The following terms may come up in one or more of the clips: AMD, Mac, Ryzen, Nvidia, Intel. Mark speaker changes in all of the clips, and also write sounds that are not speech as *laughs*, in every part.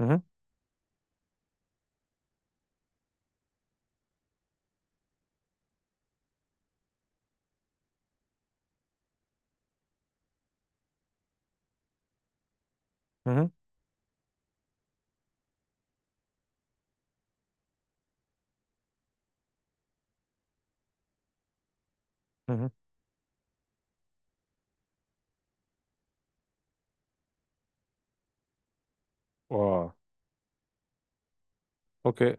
Speaker 1: Hı hı. Hı hı. Hı hı. Aa, okey.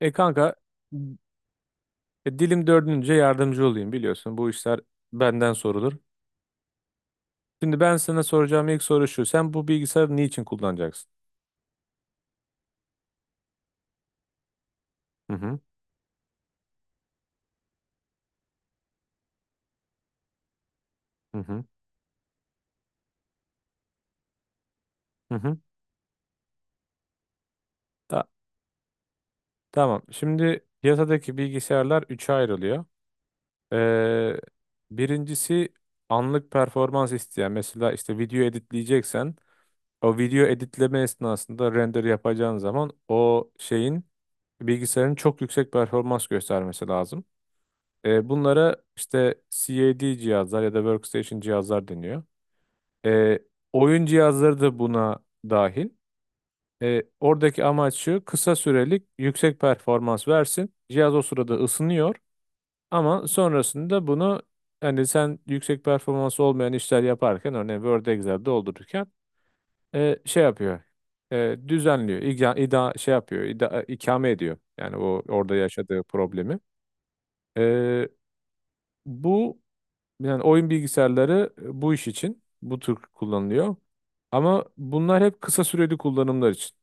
Speaker 1: Kanka, dilim dördünce yardımcı olayım biliyorsun. Bu işler benden sorulur. Şimdi ben sana soracağım ilk soru şu. Sen bu bilgisayarı niçin kullanacaksın? Hı hı. Hı hı. Hı hı. Ta- tamam. Şimdi piyasadaki bilgisayarlar üçe ayrılıyor. Ee, Birincisi anlık performans isteyen. Mesela işte video editleyeceksen, o video editleme esnasında render yapacağın zaman o şeyin, bilgisayarın çok yüksek performans göstermesi lazım. Bunlara işte CAD cihazlar ya da workstation cihazlar deniyor. E, Oyun cihazları da buna dahil. Oradaki amaç şu: kısa sürelik yüksek performans versin. Cihaz o sırada ısınıyor ama sonrasında bunu, hani sen yüksek performans olmayan işler yaparken, örneğin Word Excel doldururken, şey yapıyor. Düzenliyor. Şey yapıyor. İkame ediyor. Yani o orada yaşadığı problemi. E, Bu, yani oyun bilgisayarları, bu iş için bu tür kullanılıyor. Ama bunlar hep kısa süreli kullanımlar için.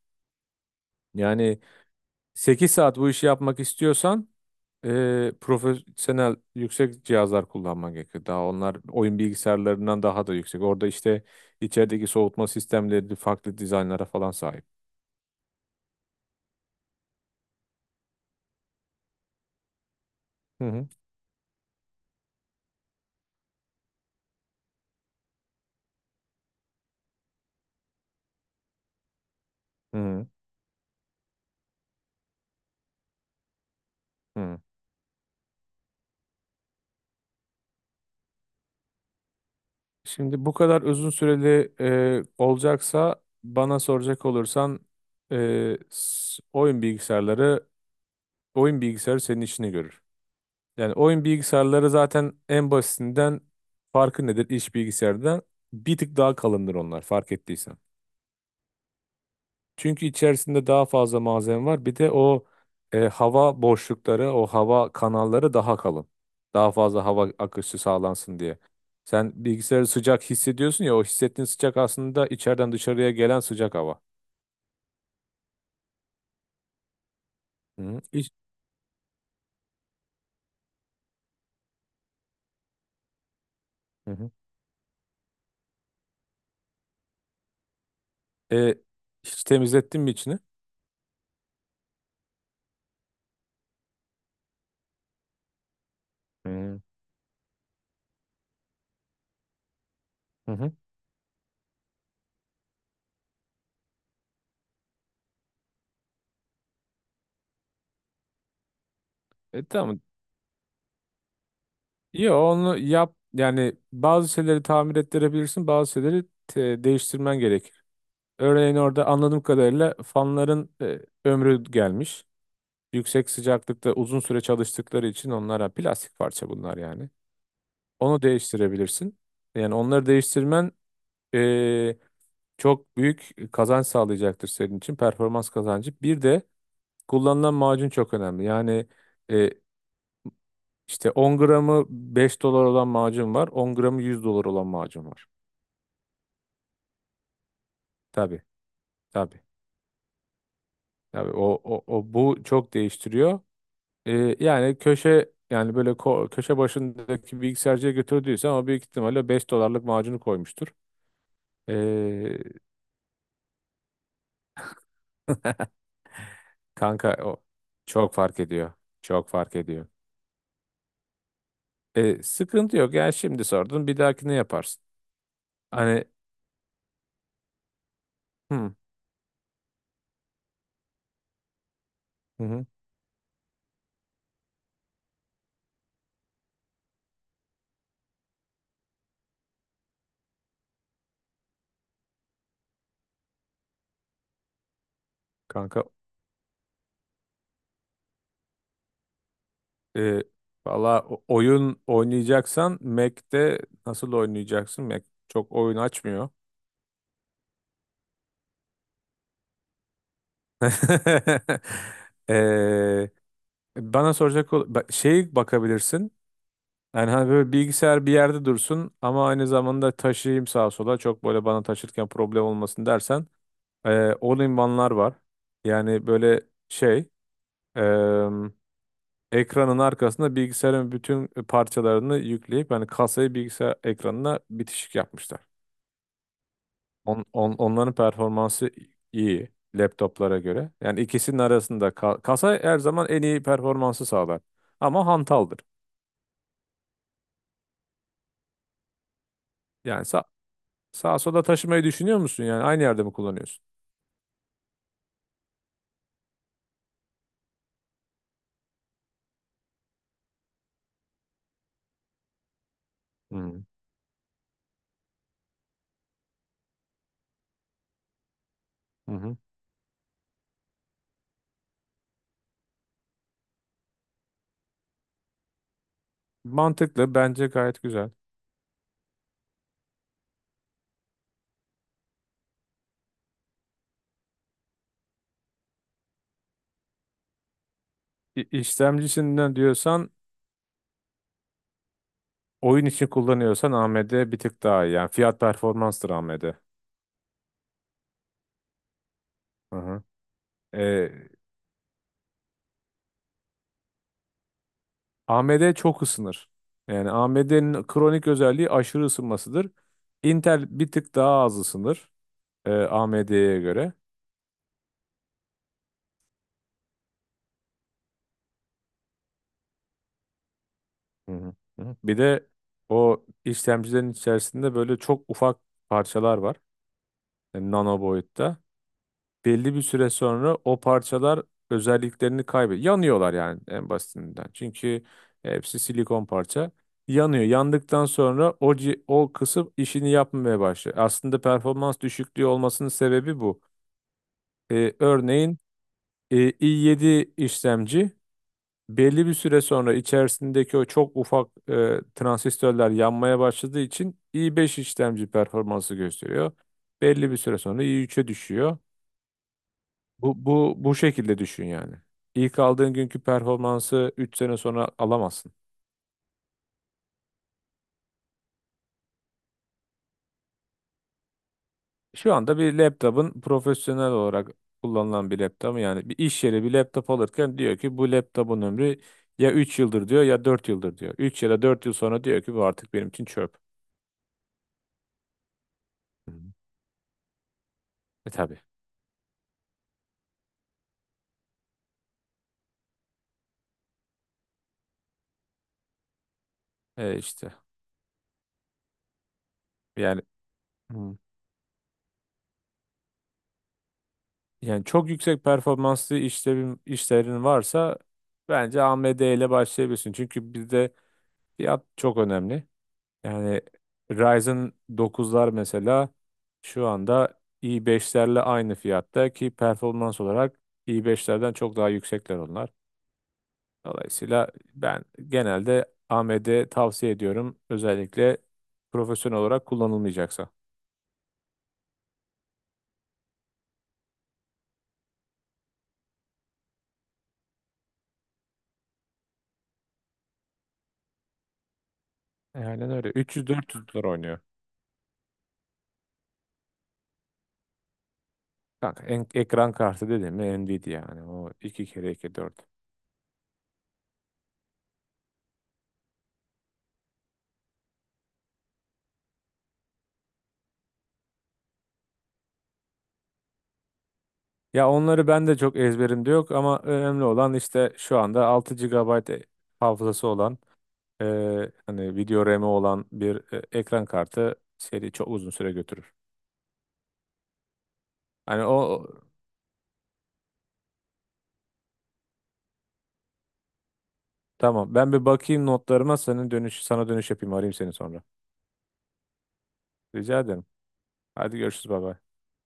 Speaker 1: Yani 8 saat bu işi yapmak istiyorsan, profesyonel yüksek cihazlar kullanman gerekiyor. Daha onlar oyun bilgisayarlarından daha da yüksek. Orada işte içerideki soğutma sistemleri farklı dizaynlara falan sahip. Hı hı. Hı hı. Hı. Şimdi bu kadar uzun süreli olacaksa, bana soracak olursan, oyun bilgisayarları, oyun bilgisayarı senin işini görür. Yani oyun bilgisayarları zaten, en basitinden, farkı nedir iş bilgisayardan? Bir tık daha kalındır onlar, fark ettiysen. Çünkü içerisinde daha fazla malzeme var. Bir de o, hava boşlukları, o hava kanalları daha kalın. Daha fazla hava akışı sağlansın diye. Sen bilgisayarı sıcak hissediyorsun ya, o hissettiğin sıcak aslında içeriden dışarıya gelen sıcak hava. Hı hı. Hı hı. E, Hiç temizlettin mi içini? Hı hı. Hı. Tamam. Yo, onu yap. Yani bazı şeyleri tamir ettirebilirsin, bazı şeyleri değiştirmen gerekir. Örneğin orada anladığım kadarıyla fanların ömrü gelmiş. Yüksek sıcaklıkta uzun süre çalıştıkları için, onlara plastik parça bunlar yani. Onu değiştirebilirsin. Yani onları değiştirmen eee, çok büyük kazanç sağlayacaktır senin için. Performans kazancı. Bir de kullanılan macun çok önemli. Yani, eee, işte 10 gramı 5 dolar olan macun var, 10 gramı 100 dolar olan macun var. Tabii, tabii. Tabii o, bu çok değiştiriyor. Yani köşe, yani böyle köşe başındaki bilgisayarcıya götürdüysen, o büyük ihtimalle 5 dolarlık macunu koymuştur. Ee, kanka, o çok fark ediyor. Çok fark ediyor. Sıkıntı yok. Yani şimdi sordun, bir dahaki ne yaparsın? Hani. Hı, hı, hı. Kanka e, valla oyun oynayacaksan Mac'te nasıl oynayacaksın? Mac çok oyun açmıyor. *laughs* Ee, Bana soracak şey bakabilirsin. Yani hani böyle bilgisayar bir yerde dursun ama aynı zamanda taşıyayım sağa sola, çok böyle bana taşırken problem olmasın dersen, o limanlar var. Yani böyle şey, eee, ekranın arkasında bilgisayarın bütün parçalarını yükleyip, yani kasayı bilgisayar ekranına bitişik yapmışlar. Onların performansı iyi laptoplara göre. Yani ikisinin arasında, kasa her zaman en iyi performansı sağlar ama hantaldır. Yani sağa sola taşımayı düşünüyor musun, yani aynı yerde mi kullanıyorsun? Hmm. Hı hı. Mantıklı, bence gayet güzel. İşlemcisinden diyorsan, oyun için kullanıyorsan AMD bir tık daha iyi. Yani fiyat performanstır AMD. Hı hı. Ee, AMD çok ısınır. Yani AMD'nin kronik özelliği aşırı ısınmasıdır. Intel bir tık daha az ısınır AMD'ye göre. Hı hı. Hı hı. Bir de o işlemcilerin içerisinde böyle çok ufak parçalar var. Yani nano boyutta. Belli bir süre sonra o parçalar özelliklerini kaybediyor. Yanıyorlar yani, en basitinden. Çünkü hepsi silikon parça. Yanıyor. Yandıktan sonra o, o kısım işini yapmamaya başlıyor. Aslında performans düşüklüğü olmasının sebebi bu. Örneğin , i7 işlemci belli bir süre sonra içerisindeki o çok ufak transistörler yanmaya başladığı için i5 işlemci performansı gösteriyor. Belli bir süre sonra i3'e düşüyor. Bu şekilde düşün yani. İlk aldığın günkü performansı 3 sene sonra alamazsın. Şu anda bir laptopun, profesyonel olarak kullanılan bir laptop, yani bir iş yeri bir laptop alırken diyor ki bu laptopun ömrü ya 3 yıldır diyor ya 4 yıldır diyor. Üç ya da 4 yıl sonra diyor ki bu artık benim için çöp. Hı. Tabii. İşte yani. Hı. Yani çok yüksek performanslı işlerin varsa bence AMD ile başlayabilirsin. Çünkü bizde fiyat çok önemli. Yani Ryzen dokuzlar mesela şu anda i5'lerle aynı fiyatta ki, performans olarak i5'lerden çok daha yüksekler onlar. Dolayısıyla ben genelde AMD tavsiye ediyorum. Özellikle profesyonel olarak kullanılmayacaksa. Aynen öyle. 300-400 dolar oynuyor. Kanka, ekran kartı dedim mi Nvidia, yani o 2 kere 2 4. Ya onları ben de çok ezberimde yok ama önemli olan işte şu anda 6 GB hafızası olan, e, hani video RAM'i olan bir ekran kartı seri çok uzun süre götürür. Hani o o- tamam, ben bir bakayım notlarıma, senin dönüş sana dönüş yapayım, arayayım seni sonra. Rica ederim. Hadi görüşürüz baba.